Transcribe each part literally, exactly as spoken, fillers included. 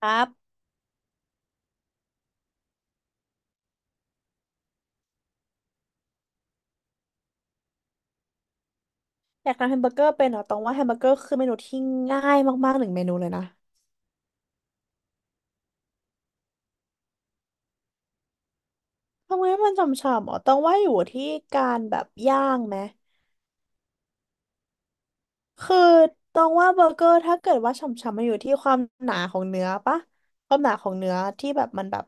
ครับอยากทำแฮมเบอร์เกอร์เป็นเหรอต้องว่าแฮมเบอร์เกอร์คือเมนูที่ง่ายมากๆหนึ่งเมนูเลยนะทำไมมันฉ่ำๆอ๋อต้องว่าอยู่ที่การแบบย่างไหมคือต้องว่าเบอร์เกอร์ถ้าเกิดว่าฉ่ำๆมันอยู่ที่ความหนาของเนื้อปะความหนาของเนื้อที่แบบมันแบบ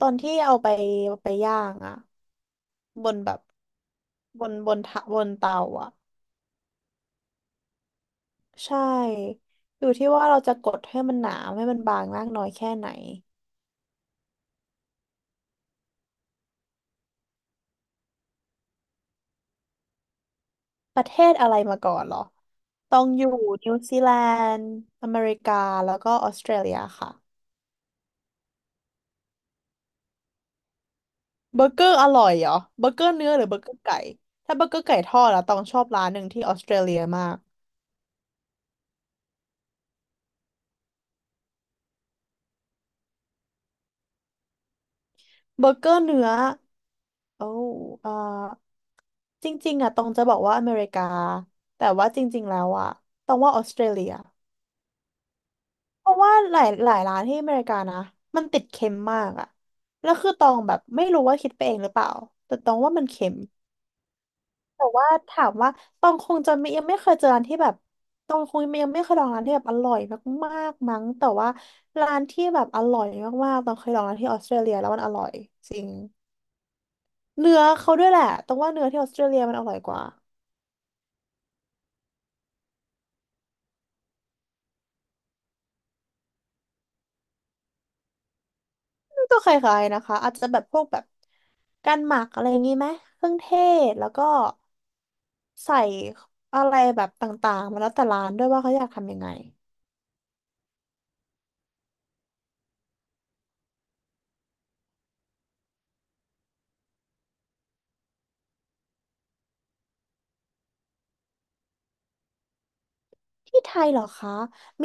ตอนที่เอาไปไปย่างอะบนแบบบนบนทะบนเตาอะใช่อยู่ที่ว่าเราจะกดให้มันหนาให้มันบางมากน้อยแค่ไหน ประเทศอะไรมาก่อนเหรอต้องอยู่นิวซีแลนด์อเมริกาแล้วก็ออสเตรเลียค่ะเบอร์เกอร์อร่อยเหรอเบอร์เกอร์เนื้อหรือเบอร์เกอร์ไก่ถ้าเบอร์เกอร์ไก่ทอดอะต้องชอบร้านหนึ่งที่ออสเตรเลียมากเบอร์เกอร์เนื้อโอ้เอ่อจริงๆอะตองจะบอกว่าอเมริกาแต่ว่าจริงๆแล้วอะตองว่าออสเตรเลียเพราะว่าหลายหลายร้านที่อเมริกานะมันติดเค็มมากอะแล้วคือตองแบบไม่รู้ว่าคิดไปเองหรือเปล่า แต่ตองว่ามันเค็ม แต่ว่าถามว่าตองคงจะไม่ยังไม่เคยเจอร้านที่แบบตองคงยังไม่เคยลองร้านที่แบบอร่อยมากๆมั้งแต่ว่าร้านที่แบบอร่อยมากๆตองเคยลองร้านที่ออสเตรเลียแล้วมันอร่อยจริงเนื้อเขาด้วยแหละตองว่าเนื้อที่ออสเตรเลียมันอร่อยกว่าก็คล้ายๆนะคะอาจจะแบบพวกแบบการหมักอะไรอย่างงี้ไหมเครื่องเทศแล้วก็ใส่อะไรแบบต่างๆมาแล้วแต่ร้านด้วยว่าเขาอยากทำยังไง ที่ไทยเหรอคะ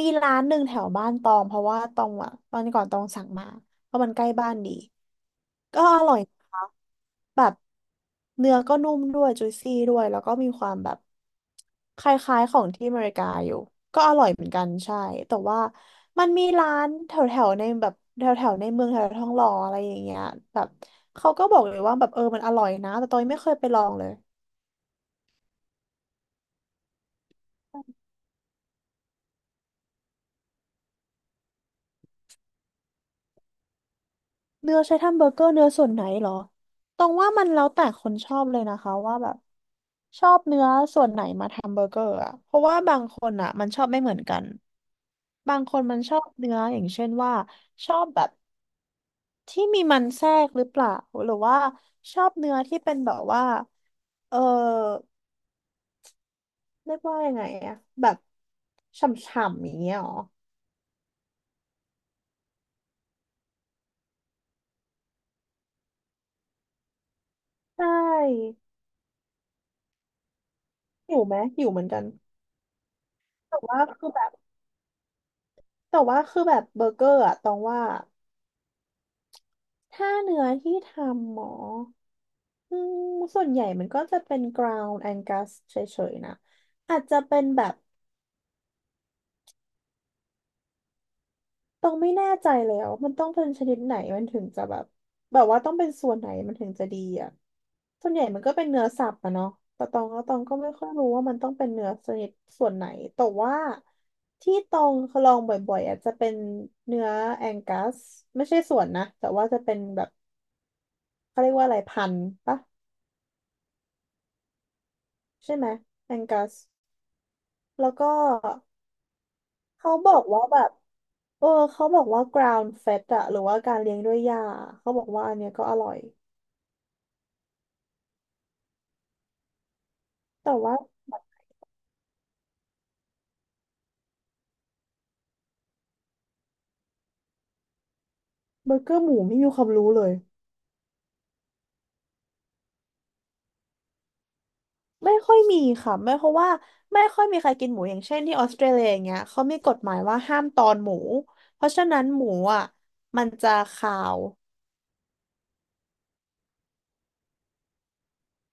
มีร้านหนึ่งแถวบ้านตองเพราะว่าตองอะตอนก่อนตองสั่งมาเพราะมันใกล้บ้านดีก็อร่อยนะคะแบบเนื้อก็นุ่มด้วยจุยซี่ด้วยแล้วก็มีความแบบคล้ายๆของที่อเมริกาอยู่ก็อร่อยเหมือนกันใช่แต่ว่ามันมีร้านแถวๆในแบบแถวๆในเมืองแถวๆทองหล่ออะไรอย่างเงี้ยแบบเขาก็บอกเลยว่าแบบเออมันอร่อยนะแต่ตองยังไม่เคยไปลองเลย เนื้อใช้ทำเบอร์เกอร์เนื้อส่วนไหนเหรอตองว่ามันแล้วแต่คนชอบเลยนะคะว่าแบบชอบทำเบอร์เกอร์อะ เพราะว่าบางคนอะมันชอบไม่เหมือนกันบางคนมันชอบเนื้ออย่างเช่นว่าชอบแบบที่มีมันแทรกหรือเปล่าหรือว่าชอบเนื้อที่เป็นแบบว่าเออเรียกว่ายังไงอะแบบฉ่ำๆอย่างเงี้ยเหรอใช่หิวไหมหิวเหมือนกันแต่ว่าคือแบบแต่ว่าคือแบบเบอร์เกอร์อะตองว่า ถ้าเนื้อที่ทำหมออืมส่วนใหญ่มันก็จะเป็น กราวด์ แองกัส เฉยๆนะอาจจะเป็นแบบต้องไม่แน่ใจแล้วมันต้องเป็นชนิดไหนมันถึงจะแบบแบบว่าต้องเป็นส่วนไหนมันถึงจะดีอ่ะส่วนใหญ่มันก็เป็นเนื้อสับอะเนาะแต่ตองก็ตองก็ไม่ค่อยรู้ว่ามันต้องเป็นเนื้อชนิดส่วนไหนแต่ว่าที่ตองลองบ่อยๆอาจจะเป็นเนื้อแองกัสไม่ใช่ส่วนนะแต่ว่าจะเป็นแบบเขาเรียกว่าอะไรพันธุ์ปะใช่ไหมแองกัส แล้วก็เขาบอกว่าแบบเออเขาบอกว่า กราวด์ เฟด อะหรือว่าการเลี้ยงด้วยหญ้าเขาบอกว่าอันเนี้ยก็อร่อยแต่ว่าเบอร์เกอร์หมูไม่มีความรู้เลยไม่ค่อยมีค่ะไม่เพราะว่าไม่ค่อยมีใครกินหมูอย่างเช่นที่ออสเตรเลียอย่างเงี้ยเขามีกฎหมายว่าห้ามตอนหมูเพราะฉะนั้นหมูอ่ะมันจะคาว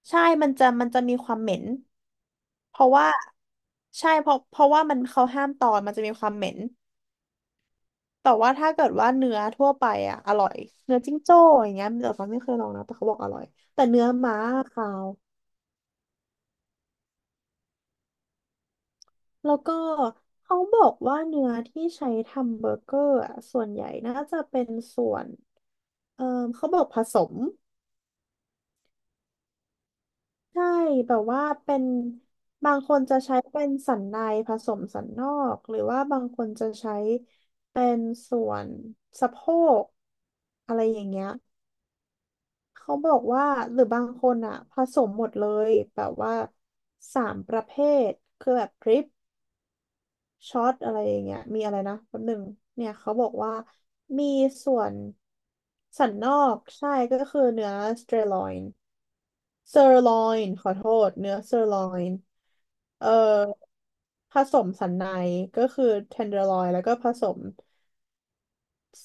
ใช่มันจะมันจะมีความเหม็นเพราะว่าใช่เพราะเพราะว่ามันเขาห้ามตอนมันจะมีความเหม็น แต่ว่าถ้าเกิดว่าเนื้อทั่วไปอ่ะอร่อยเนื้อจิ้งโจ้อย่างเงี้ยแต่ฟ้าไม่เคยลองนะแต่เขาบอกอร่อยแต่เนื้อม้าขาวแล้วก็เขาบอกว่าเนื้อที่ใช้ทำเบอร์เกอร์อ่ะส่วนใหญ่น่าจะเป็นส่วนเออเขาบอกผสมใช่แบบว่าเป็นบางคนจะใช้เป็นสันในผสมสันนอกหรือว่าบางคนจะใช้เป็นส่วนสะโพกอะไรอย่างเงี้ย เขาบอกว่าหรือบางคนอ่ะผสมหมดเลยแบบว่าสามประเภทคือแบบดริปช็อตอะไรอย่างเงี้ยมีอะไรนะแป๊บหนึ่งเนี่ยเขาบอกว่ามีส่วนสันนอกใช่ก็คือเนื้อสเตอร์ลอยน์เซอร์ลอยน์ขอโทษเนื้อเซอร์ลอยน์เอ่อผสมสันในก็คือเทนเดอร์ลอยน์แล้วก็ผสม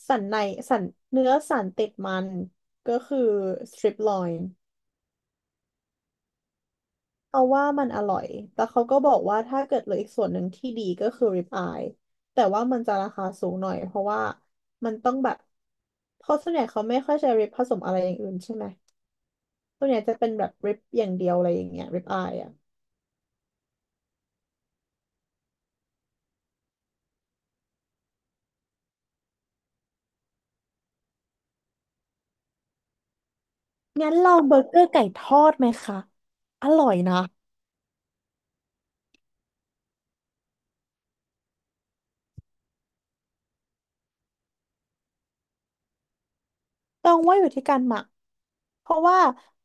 สันในสันเนื้อสันติดมันก็คือสตริปลอยน์ เอาว่ามันอร่อย แต่เขาก็บอกว่าถ้าเกิดเหลืออีกส่วนหนึ่งที่ดีก็คือริบอาย แต่ว่ามันจะราคาสูงหน่อยเพราะว่ามันต้องแบบเพราะส่วนใหญ่เขาไม่ค่อยใช้ริบผสมอะไรอย่างอื่นใช่ไหมส่วนใหญ่จะเป็นแบบริบอย่างเดียวอะไรอย่างเงี้ยริบอายอ่ะงั้นลองเบอร์เกอร์ไก่ทอดไหมคะ อร่อยนะต้องว่าอยู่ที่การหมัก เพราะว่า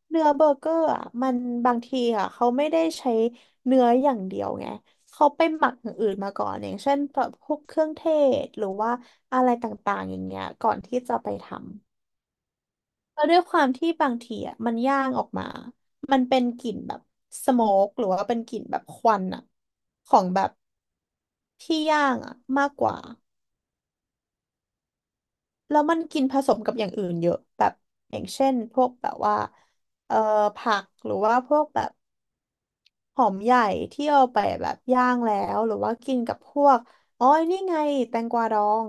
เนื้อเบอร์เกอร์อ่ะมันบางทีอ่ะเขาไม่ได้ใช้เนื้ออย่างเดียวไงเขาไปหมักอย่างอื่นมาก่อนอย่างเช่นแบบพวกเครื่องเทศหรือว่าอะไรต่างๆอย่างเงี้ยก่อนที่จะไปทำแล้วด้วยความที่บางทีอ่ะมันย่างออกมามันเป็นกลิ่นแบบสโมกหรือว่าเป็นกลิ่นแบบควันอ่ะของแบบที่ย่างอ่ะมากกว่าแล้วมันกินผสมกับอย่างอื่นเยอะแบบอย่างเช่นพวกแบบว่าเอ่อผักหรือว่าพวกแบบ หอมใหญ่ที่เอาไปแบบย่างแล้วหรือว่ากินกับพวกอ๋อนี่ไงแตงกวาดอง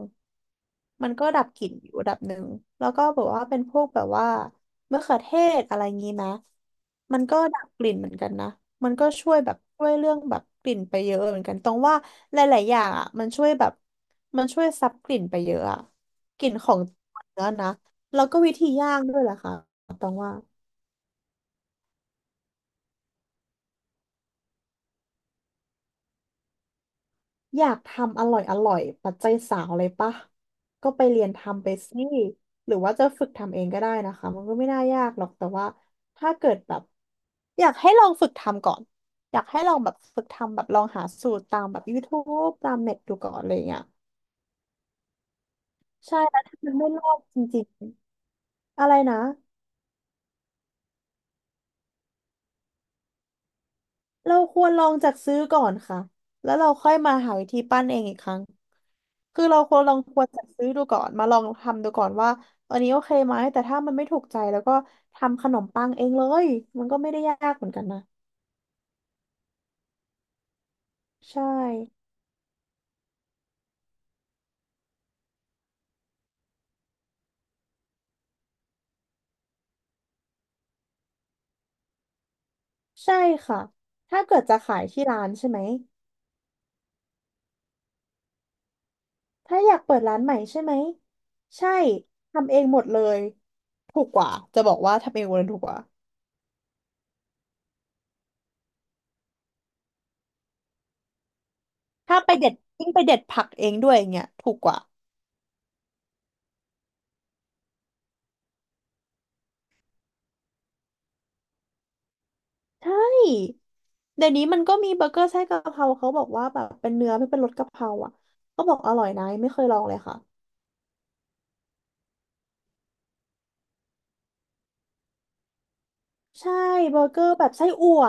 มันก็ดับกลิ่นอยู่ระดับหนึ่งแล้วก็แบบว่าเป็นพวกแบบว่ามะเขือเทศอะไรงี้นะมันก็ดับกลิ่นเหมือนกันนะมันก็ช่วยแบบช่วยเรื่องแบบกลิ่นไปเยอะเหมือนกันตรงว่าหลายๆอย่างอ่ะมันช่วยแบบมันช่วยซับกลิ่นไปเยอะอ่ะกลิ่นของเนื้อนะแล้วก็วิธีย่างด้วยล่ะค่ะตรงว่า อยากทำอร่อยอร่อยปัจจัยสาวเลยปะก็ไปเรียนทำไปสิหรือว่าจะฝึกทำเองก็ได้นะคะมันก็ไม่น่ายากหรอกแต่ว่าถ้าเกิดแบบอยากให้ลองฝึกทำก่อนอยากให้ลองแบบฝึกทำแบบลองหาสูตรตามแบบ YouTube ตามเน็ตดูก่อนอะไรอย่างเงี้ยใช่แล้วถ้ามันไม่รอดจริงๆอะไรนะ เราควรลองจัดซื้อก่อนค่ะแล้วเราค่อยมาหาวิธีปั้นเองอีกครั้ง คือเราควรลองควรจัดซื้อดูก่อน มาลองทำดูก่อนว่าอันนี้โอเคไหม แต่ถ้ามันไม่ถูกใจแล้วก็ทำขนมปังเองเลย มันก็ไม่ได้ยากเหมือนกันนะ ใช่ใช่ค่ะถ้าเกิดจะขายที่ร้านใช่ไหมถ้าอยากเปิดร้านใหม่ใช่ไหมใช่ทำเองหมดเลย ถูกกว่า จะบอกว่าทำเองหมดเลยถูกกว่า ถ้าไปเด็ดยิ่งไปเด็ดผักเองด้วยอย่างเงี้ยถูกกว่า ใช่เดี๋ยวนี้มันก็มีเบอร์เกอร์ไส้กะเพราเขาบอกว่าแบบเป็นเนื้อไม่เป็นรสกะเพราอ่ะก็บอกอร่อยนะยังไม่เคยลองเลยค่ะใช่เบอร์เกอร์แบบไส้อั่ว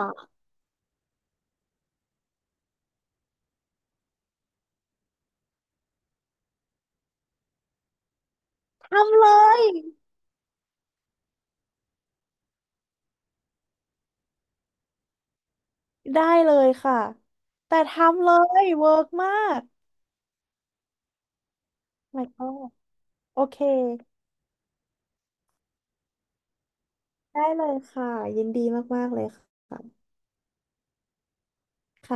ทำเลยได้เลยค่ะแต่ทำเลยเวิร์กมาก my god โอเคได้เลยค่ะยินดีมากๆเลยค่ะ